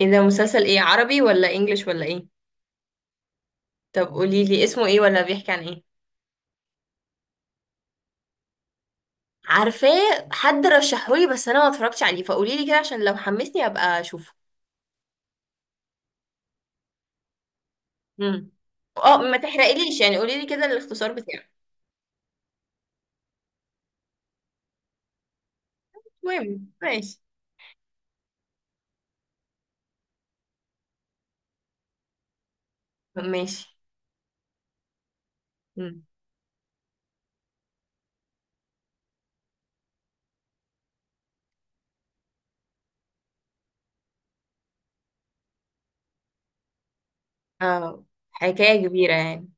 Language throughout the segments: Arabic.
ايه ده؟ مسلسل ايه، عربي ولا انجليش ولا ايه؟ طب قولي لي اسمه ايه، ولا بيحكي عن ايه؟ عارفاه. حد رشحولي بس انا ما اتفرجتش عليه، فقولي لي كده عشان لو حمسني ابقى اشوفه. امم. اه، ما تحرقليش، يعني قولي لي كده الاختصار بتاعه. المهم ماشي. ماشي. امم. اه. حكاية كبيرة يعني.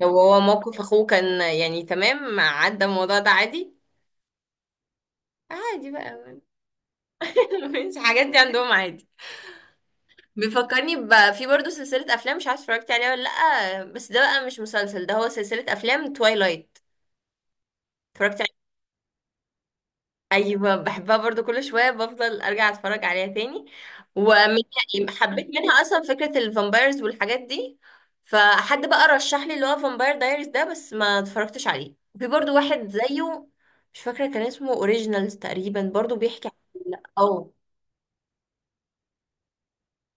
لو هو موقف اخوه كان يعني تمام، عدى الموضوع ده عادي. عادي بقى مش الحاجات دي عندهم عادي؟ بيفكرني في برضه سلسلة أفلام مش عارفة اتفرجت عليها ولا لأ، بس ده بقى مش مسلسل، ده هو سلسلة أفلام، توايلايت. اتفرجت عليها. أيوة، بحبها برضه، كل شوية بفضل أرجع أتفرج عليها تاني. ومن، يعني حبيت منها أصلا فكرة الفامبايرز والحاجات دي. فحد بقى رشح لي اللي هو فامباير دايريز ده، بس ما اتفرجتش عليه. في برضه واحد زيه مش فاكرة كان اسمه اوريجينالز تقريبا، برضه بيحكي عن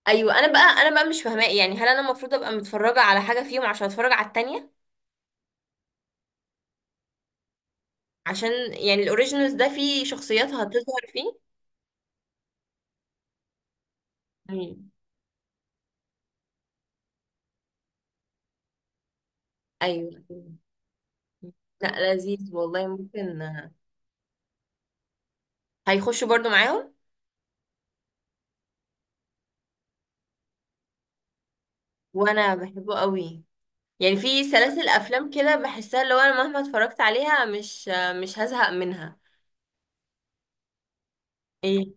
ايوه. انا بقى مش فاهماه يعني، هل انا المفروض ابقى متفرجه على حاجه فيهم عشان اتفرج على التانية؟ عشان يعني الاوريجينالز ده فيه شخصيات هتظهر فيه. ايوه. ايوه. لا، لذيذ والله، ممكن. هيخشوا برضو معاهم. وانا بحبه قوي. يعني في سلاسل افلام كده بحسها اللي هو انا مهما اتفرجت عليها، مش، مش هزهق منها. ايه.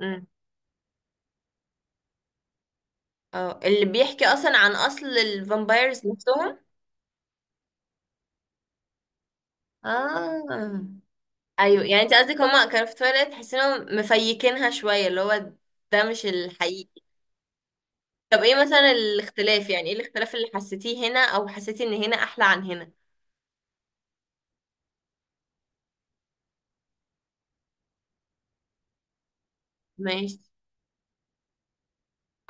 امم. اه، اللي بيحكي اصلا عن اصل الفامبايرز نفسهم. اه. ايوه، يعني انت قصدك هما كانوا في تويلايت تحس انهم مفيكينها شويه، اللي هو ده مش الحقيقي. طب ايه مثلا الاختلاف، يعني ايه الاختلاف اللي حسيتيه هنا، او حسيتي ان هنا احلى عن هنا؟ ماشي.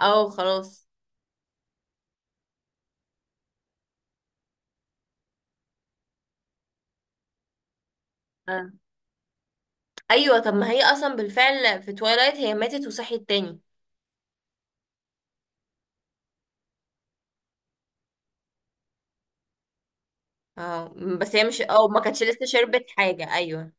او خلاص. آه. ايوه، طب ما هي اصلا بالفعل في توايلايت هي ماتت وصحيت تاني. اه. بس هي مش، او ما كانتش لسه شربت حاجة، ايوه.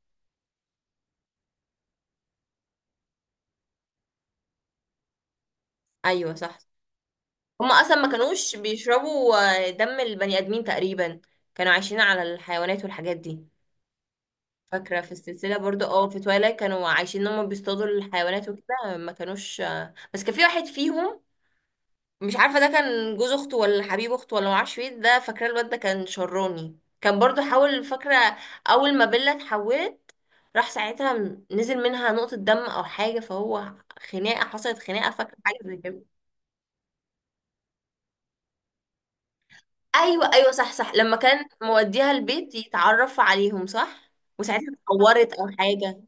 ايوه، صح. هما اصلا ما كانوش بيشربوا آه، دم البني ادمين تقريبا، كانوا عايشين على الحيوانات والحاجات دي. فاكرة في السلسلة برضو اه في توايلايت كانوا عايشين ان هما بيصطادوا الحيوانات وكده، ما كانوش آه، بس كان في واحد فيهم مش عارفه ده كان جوز اخته ولا حبيب اخته ولا معرفش ايه، ده فاكره الواد ده كان شراني، كان برضو حاول، فاكره اول ما بيلا اتحولت، راح ساعتها نزل منها نقطه دم او حاجه، فهو خناقه، حصلت خناقه، فاكره حاجه زي كده. ايوه، ايوه، صح، صح، لما كان موديها البيت يتعرف عليهم، صح. وساعتها اتعورت او حاجه.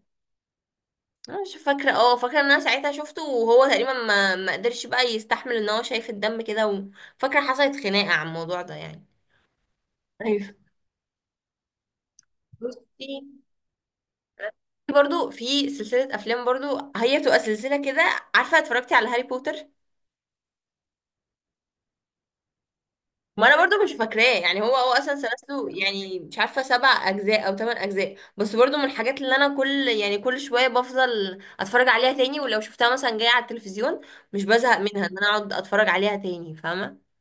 انا مش فاكره. اه، فاكره ان انا ساعتها شفته وهو تقريبا ما قدرش بقى يستحمل ان هو شايف الدم كده، وفاكره حصلت خناقه على الموضوع ده يعني. ايوه. بصي، برضو في سلسلة أفلام، برضو هي بتبقى سلسلة كده. عارفة اتفرجتي على هاري بوتر؟ ما أنا برضو مش فاكراه يعني، هو هو أصلا سلسله يعني مش عارفة سبع أجزاء أو تمن أجزاء، بس برضو من الحاجات اللي أنا كل، يعني كل شوية بفضل أتفرج عليها تاني، ولو شفتها مثلا جاية على التلفزيون مش بزهق منها، إن أنا أقعد أتفرج عليها تاني، فاهمة.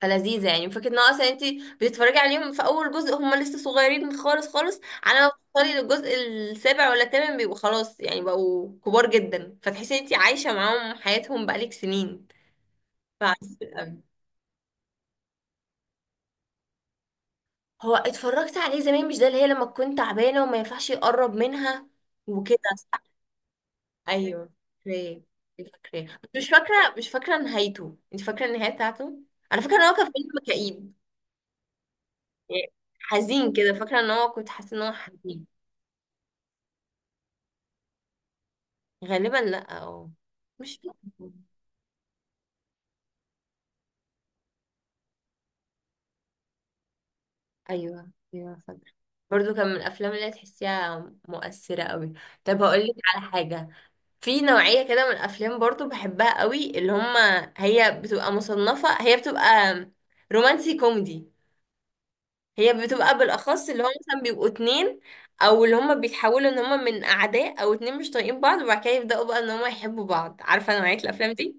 فلذيذة يعني فكرة ان هو اصلا انت بتتفرجي عليهم في اول جزء هم لسه صغيرين خالص خالص، على ما بتوصلي للجزء السابع ولا الثامن بيبقوا خلاص، يعني بقوا كبار جدا، فتحسي ان انت عايشة معاهم حياتهم بقالك سنين. فعسول أوي. هو اتفرجت عليه زمان، مش ده اللي هي لما كنت تعبانة وما ينفعش يقرب منها وكده؟ صح؟ ايوه، فاكراه. فاكراه بس مش فاكرة، مش فاكرة نهايته، انت فاكرة النهاية بتاعته؟ انا فاكرة ان هو كان فيلم كئيب يعني، حزين كده، فاكرة ان هو كنت حاسة ان هو حزين. غالبا لا، اه. مش فاكرة. ايوه، ايوه، فاكرة. برضو كان من الافلام اللي تحسيها مؤثرة قوي. طب هقول لك على حاجة، في نوعية كده من الافلام برضو بحبها قوي، اللي هما هي بتبقى مصنفة، هي بتبقى رومانسي كوميدي، هي بتبقى بالاخص اللي هما مثلا بيبقوا اتنين، او اللي هما بيتحولوا ان هما من اعداء، او اتنين مش طايقين بعض وبعد كده يبداوا بقى ان هما يحبوا بعض، عارفة نوعية الافلام دي.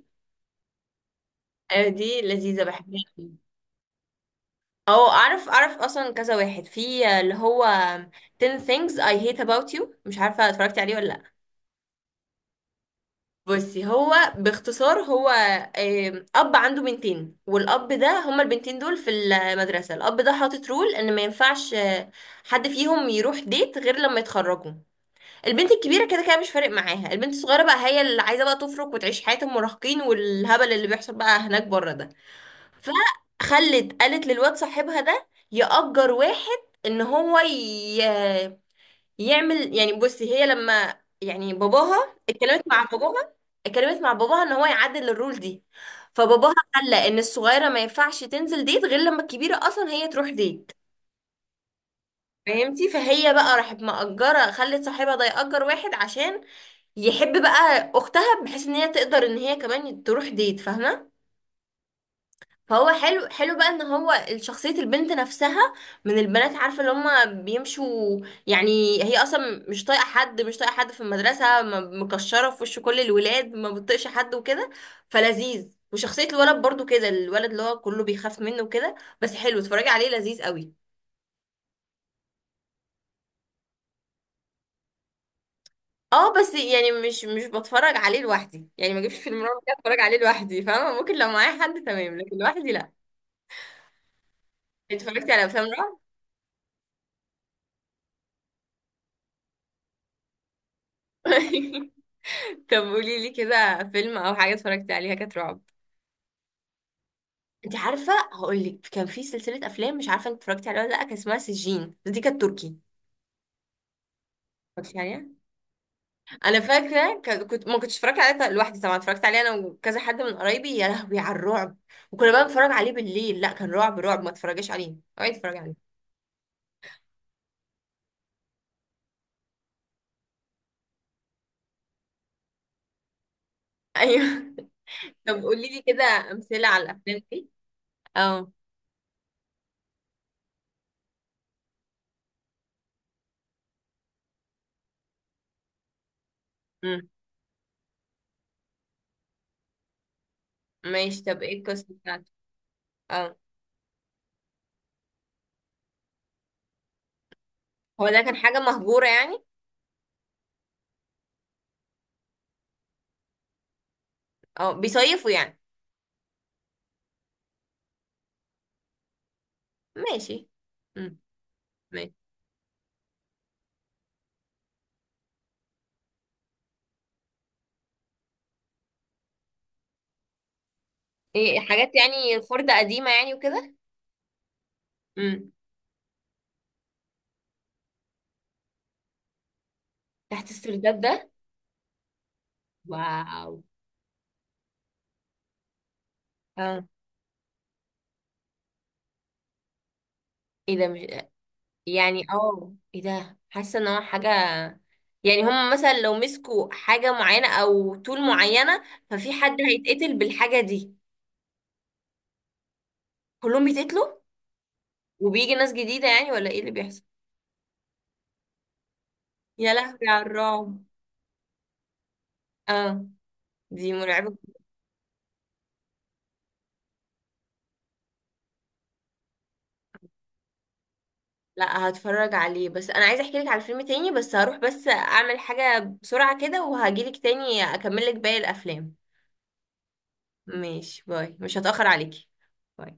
آه، دي لذيذة بحبها. او اعرف اصلا كذا واحد في اللي هو 10 things I hate about you، مش عارفه اتفرجتي عليه ولا لا. بصي، هو باختصار هو آم، اب عنده بنتين، والاب ده هما البنتين دول في المدرسه، الاب ده حاطط رول ان ما ينفعش آه، حد فيهم يروح ديت غير لما يتخرجوا. البنت الكبيره كده كده مش فارق معاها، البنت الصغيره بقى هي اللي عايزه بقى تفرق وتعيش حياه المراهقين والهبل اللي بيحصل بقى هناك بره ده، فخلت قالت للواد صاحبها ده يأجر واحد ان هو يعمل، يعني بصي هي لما، يعني باباها، اتكلمت مع باباها ان هو يعدل الرول دي. فباباها خلى ان الصغيره ما ينفعش تنزل ديت غير لما الكبيره اصلا هي تروح ديت. فهمتي؟ فهي بقى راحت مأجرة، خلت صاحبها ده يأجر واحد عشان يحب بقى أختها بحيث إن هي تقدر إن هي كمان تروح ديت، فاهمة. فهو حلو، حلو بقى ان هو شخصية البنت نفسها، من البنات عارفة اللي هما بيمشوا، يعني هي اصلا مش طايقة حد، مش طايقة حد في المدرسة، مكشرة في وش كل الولاد، ما بتطيقش حد وكده، فلذيذ. وشخصية الولد برضو كده، الولد اللي هو كله بيخاف منه وكده، بس حلو، اتفرجي عليه، لذيذ قوي. اه بس يعني مش، مش بتفرج عليه لوحدي يعني، ما اجيبش فيلم رعب كده اتفرج عليه لوحدي، فاهمة، ممكن لو معايا حد تمام، لكن لوحدي لا. اتفرجتي على افلام رعب؟ طب قولي لي كده فيلم او حاجه اتفرجتي عليها كانت رعب. انت عارفه، هقول لك كان في سلسله افلام مش عارفه انت اتفرجتي عليها ولا لا، كان اسمها سجين، دي كانت تركي. اتفرجتي عليها؟ انا فاكره كنت، ما كنتش اتفرجت عليها لوحدي طبعا، اتفرجت عليها انا وكذا حد من قرايبي، يا لهوي على الرعب. وكنا بقى بنتفرج عليه بالليل، لا كان رعب رعب، ما تتفرجيش عليه، اوعي تتفرجي عليه. ايوه طب قولي لي كده امثله على الافلام دي. اه. امم. ماشي، طب ايه القصه بتاعته؟ اه، هو ده كان حاجه مهجوره يعني؟ اه، بيصيفوا يعني؟ ماشي. امم. ماشي. ايه حاجات، يعني خردة قديمة يعني وكده؟ امم. تحت السرداب ده؟ واو. اه. ايه ده؟ مش، يعني اه، ايه ده، حاسة ان هو حاجة، يعني هم مثلا لو مسكوا حاجة معينة او طول معينة ففي حد هيتقتل بالحاجة دي؟ كلهم بيتقتلوا؟ وبيجي ناس جديدة يعني ولا ايه اللي بيحصل؟ يا لهوي على الرعب. اه، دي مرعبة. لا، هتفرج عليه، بس انا عايزه احكي لك على فيلم تاني، بس هروح بس اعمل حاجة بسرعة كده وهجيلك تاني اكمل لك باقي الافلام. ماشي، باي، مش هتأخر عليكي. باي.